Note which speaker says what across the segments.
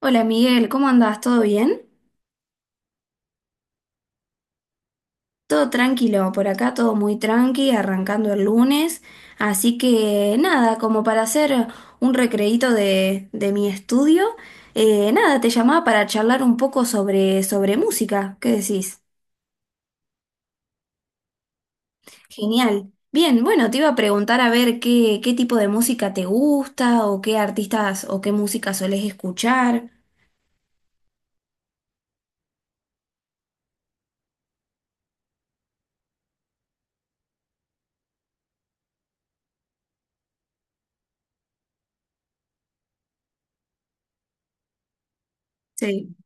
Speaker 1: Hola Miguel, ¿cómo andás? ¿Todo bien? Todo tranquilo, por acá todo muy tranqui, arrancando el lunes. Así que nada, como para hacer un recreíto de mi estudio, nada, te llamaba para charlar un poco sobre música. ¿Qué decís? Genial. Bien, bueno, te iba a preguntar a ver qué tipo de música te gusta o qué artistas o qué música solés escuchar. Sí,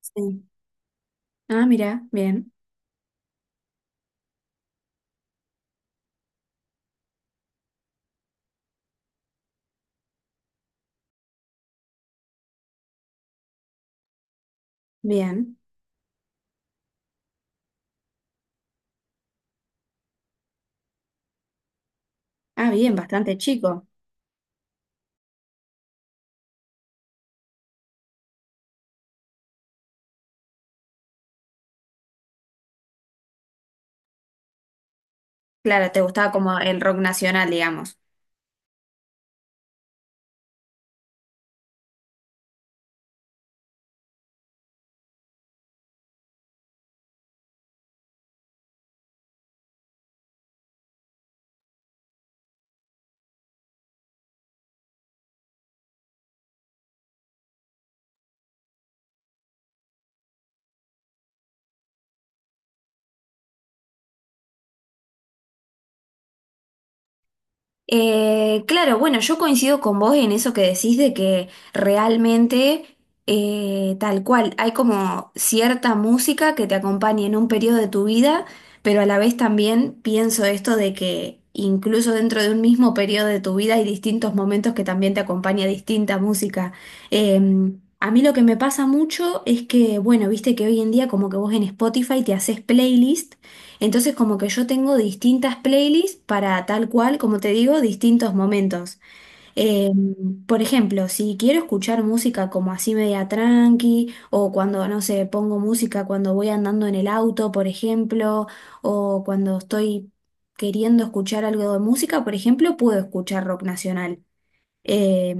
Speaker 1: sí. Ah, mira, bien, bien. Ah, bien, bastante chico. Claro, te gustaba como el rock nacional, digamos. Claro, bueno, yo coincido con vos en eso que decís de que realmente, tal cual, hay como cierta música que te acompaña en un periodo de tu vida, pero a la vez también pienso esto de que incluso dentro de un mismo periodo de tu vida hay distintos momentos que también te acompaña distinta música. A mí lo que me pasa mucho es que, bueno, viste que hoy en día como que vos en Spotify te haces playlist. Entonces como que yo tengo distintas playlists para tal cual, como te digo, distintos momentos. Eh, por ejemplo, si quiero escuchar música como así media tranqui, o cuando, no sé, pongo música cuando voy andando en el auto, por ejemplo, o cuando estoy queriendo escuchar algo de música, por ejemplo, puedo escuchar rock nacional. Eh,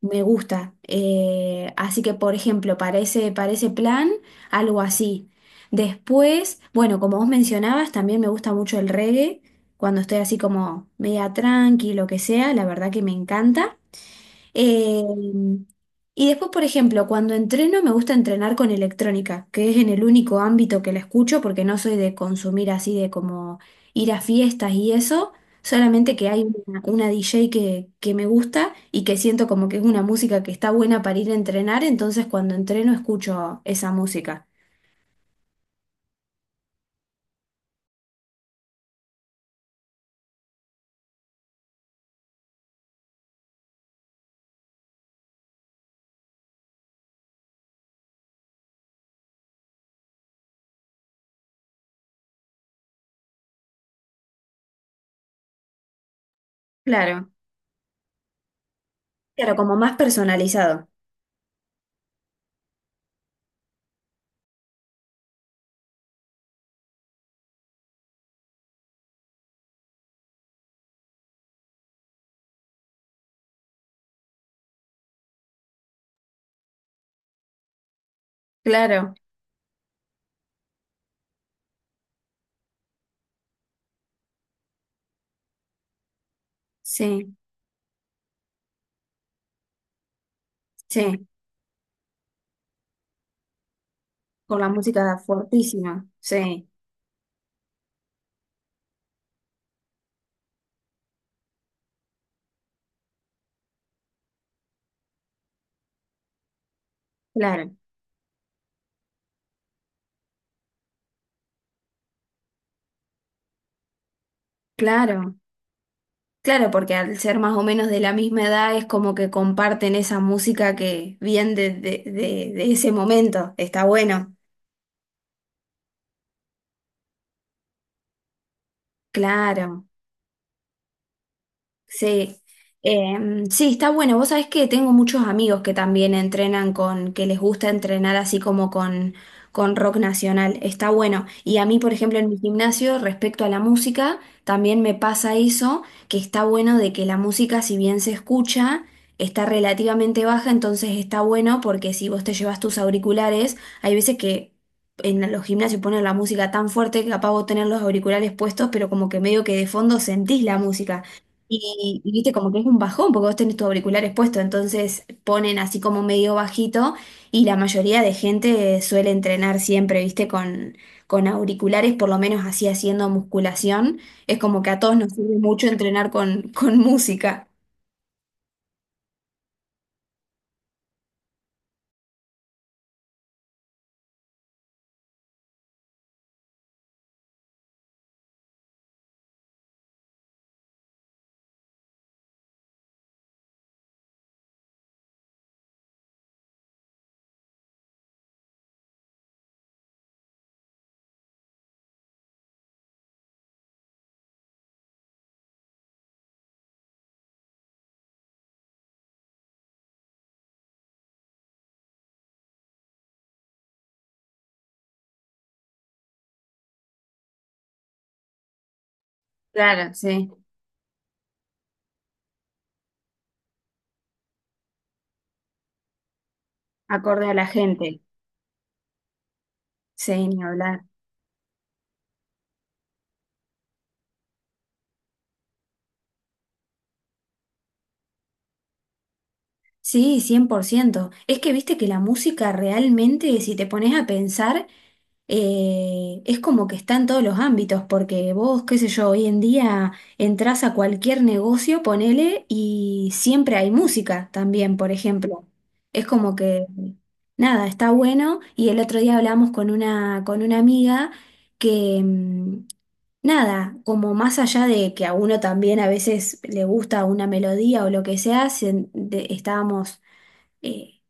Speaker 1: Me gusta. Así que, por ejemplo, para ese plan, algo así. Después, bueno, como vos mencionabas, también me gusta mucho el reggae. Cuando estoy así como media tranqui, lo que sea, la verdad que me encanta. Eh, y después, por ejemplo, cuando entreno me gusta entrenar con electrónica, que es en el único ámbito que la escucho porque no soy de consumir así de como ir a fiestas y eso, solamente que hay una DJ que me gusta y que siento como que es una música que está buena para ir a entrenar, entonces cuando entreno escucho esa música. Claro, claro, como más personalizado. Claro, sí, sí, con la música fortísima, sí, claro, claro. Claro, porque al ser más o menos de la misma edad es como que comparten esa música que viene de ese momento. Está bueno. Claro. Sí. Sí, está bueno. Vos sabés que tengo muchos amigos que también entrenan con, que les gusta entrenar así con rock nacional. Está bueno. Y a mí, por ejemplo, en mi gimnasio, respecto a la música, también me pasa eso, que está bueno de que la música, si bien se escucha, está relativamente baja, entonces está bueno porque si vos te llevas tus auriculares, hay veces que en los gimnasios ponen la música tan fuerte que capaz vos tenés los auriculares puestos, pero como que medio que de fondo sentís la música. Y viste, como que es un bajón, porque vos tenés tus auriculares puestos, entonces ponen así como medio bajito y la mayoría de gente suele entrenar siempre, viste, con auriculares, por lo menos así haciendo musculación. Es como que a todos nos sirve mucho entrenar con música. Claro, sí, acorde a la gente. Sí, ni hablar. Sí, cien por ciento. Es que viste que la música realmente, si te pones a pensar, es como que está en todos los ámbitos, porque vos, qué sé yo, hoy en día entras a cualquier negocio, ponele, y siempre hay música también, por ejemplo. Es como que, nada, está bueno. Y el otro día hablamos con con una amiga que, mm, nada, como más allá de que a uno también a veces le gusta una melodía o lo que sea, estábamos eh,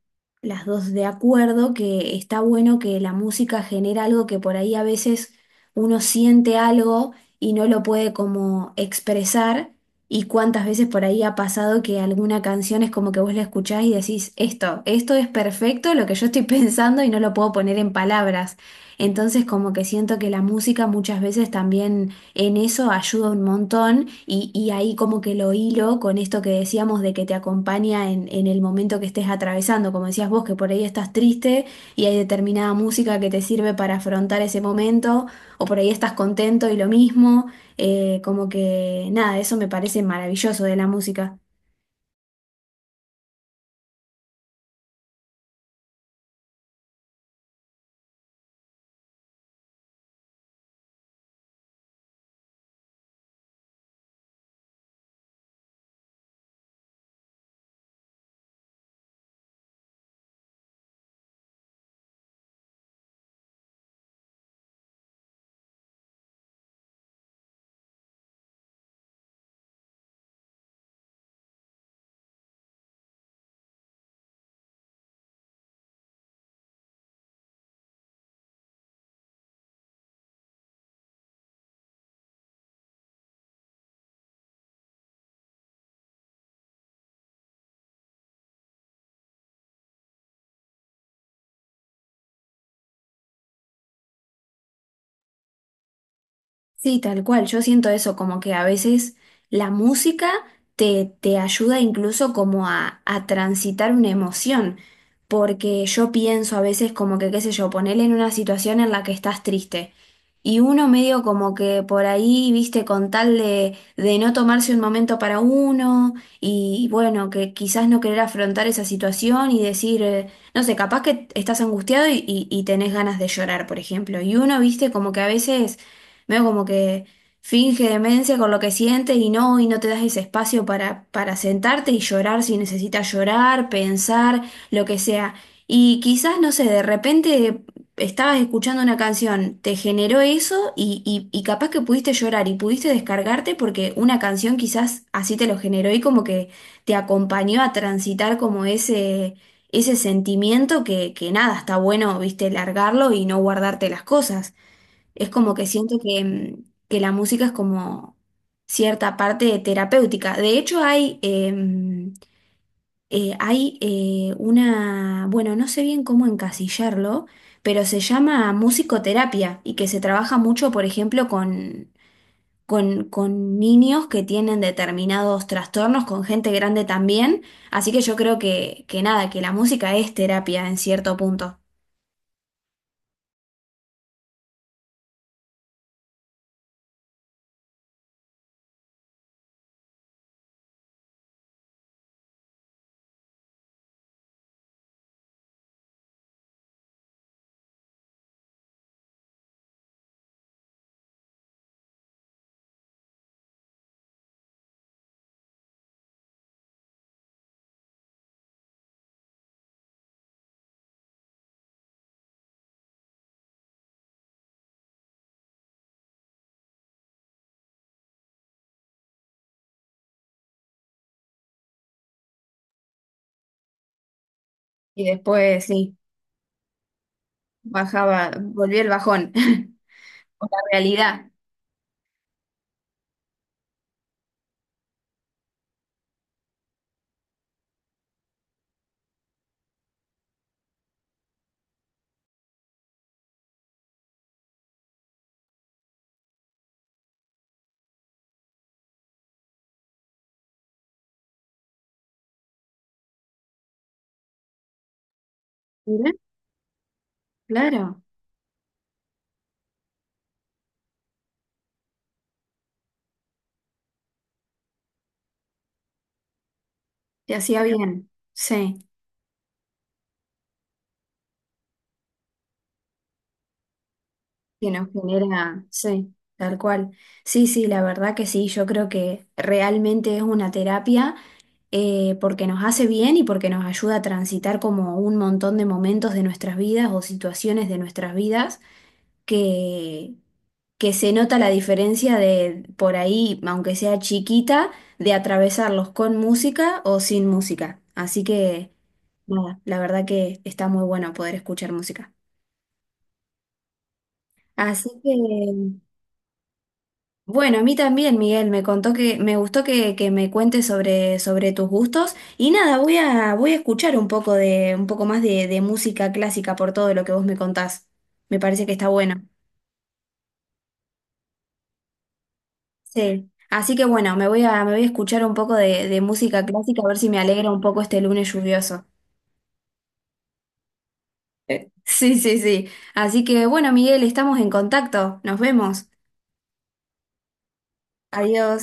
Speaker 1: las dos de acuerdo que está bueno que la música genera algo que por ahí a veces uno siente algo y no lo puede como expresar. Y cuántas veces por ahí ha pasado que alguna canción es como que vos la escuchás y decís, esto es perfecto, lo que yo estoy pensando y no lo puedo poner en palabras. Entonces como que siento que la música muchas veces también en eso ayuda un montón y ahí como que lo hilo con esto que decíamos de que te acompaña en el momento que estés atravesando, como decías vos, que por ahí estás triste y hay determinada música que te sirve para afrontar ese momento, o por ahí estás contento y lo mismo, como que nada, eso me parece maravilloso de la música. Sí, tal cual. Yo siento eso, como que a veces la música te ayuda incluso como a transitar una emoción, porque yo pienso a veces como que, qué sé yo, ponerle en una situación en la que estás triste. Y uno medio como que por ahí, viste, con tal de no tomarse un momento para uno y bueno, que quizás no querer afrontar esa situación y decir, no sé, capaz que estás angustiado y tenés ganas de llorar, por ejemplo. Y uno, viste, como que a veces medio como que finge demencia con lo que siente y no te das ese espacio para sentarte y llorar si necesitas llorar, pensar, lo que sea. Y quizás, no sé, de repente estabas escuchando una canción, te generó eso y capaz que pudiste llorar y pudiste descargarte porque una canción quizás así te lo generó y como que te acompañó a transitar como ese sentimiento que nada, está bueno, viste, largarlo y no guardarte las cosas. Es como que siento que, que la música es como cierta parte terapéutica. De hecho, hay una, bueno, no sé bien cómo encasillarlo, pero se llama musicoterapia y que se trabaja mucho, por ejemplo, con niños que tienen determinados trastornos, con gente grande también. Así que yo creo que nada, que la música es terapia en cierto punto. Y después, sí, bajaba, volvió el bajón. Con la realidad. Mira, claro, te hacía bien. Sí, que nos genera, sí, tal cual. Sí, sí, la verdad que sí, yo creo que realmente es una terapia porque nos hace bien y porque nos ayuda a transitar como un montón de momentos de nuestras vidas o situaciones de nuestras vidas que que se nota la diferencia de por ahí, aunque sea chiquita, de atravesarlos con música o sin música. Así que, nada, la verdad que está muy bueno poder escuchar música. Así que, bueno, a mí también, Miguel, me contó que me gustó que me cuentes sobre tus gustos. Y nada, voy a escuchar un poco de, un poco más de música clásica por todo lo que vos me contás. Me parece que está bueno. Sí. Así que bueno, me voy a escuchar un poco de música clásica a ver si me alegra un poco este lunes lluvioso. Sí, sí, sí. Así que bueno, Miguel, estamos en contacto. Nos vemos. Adiós.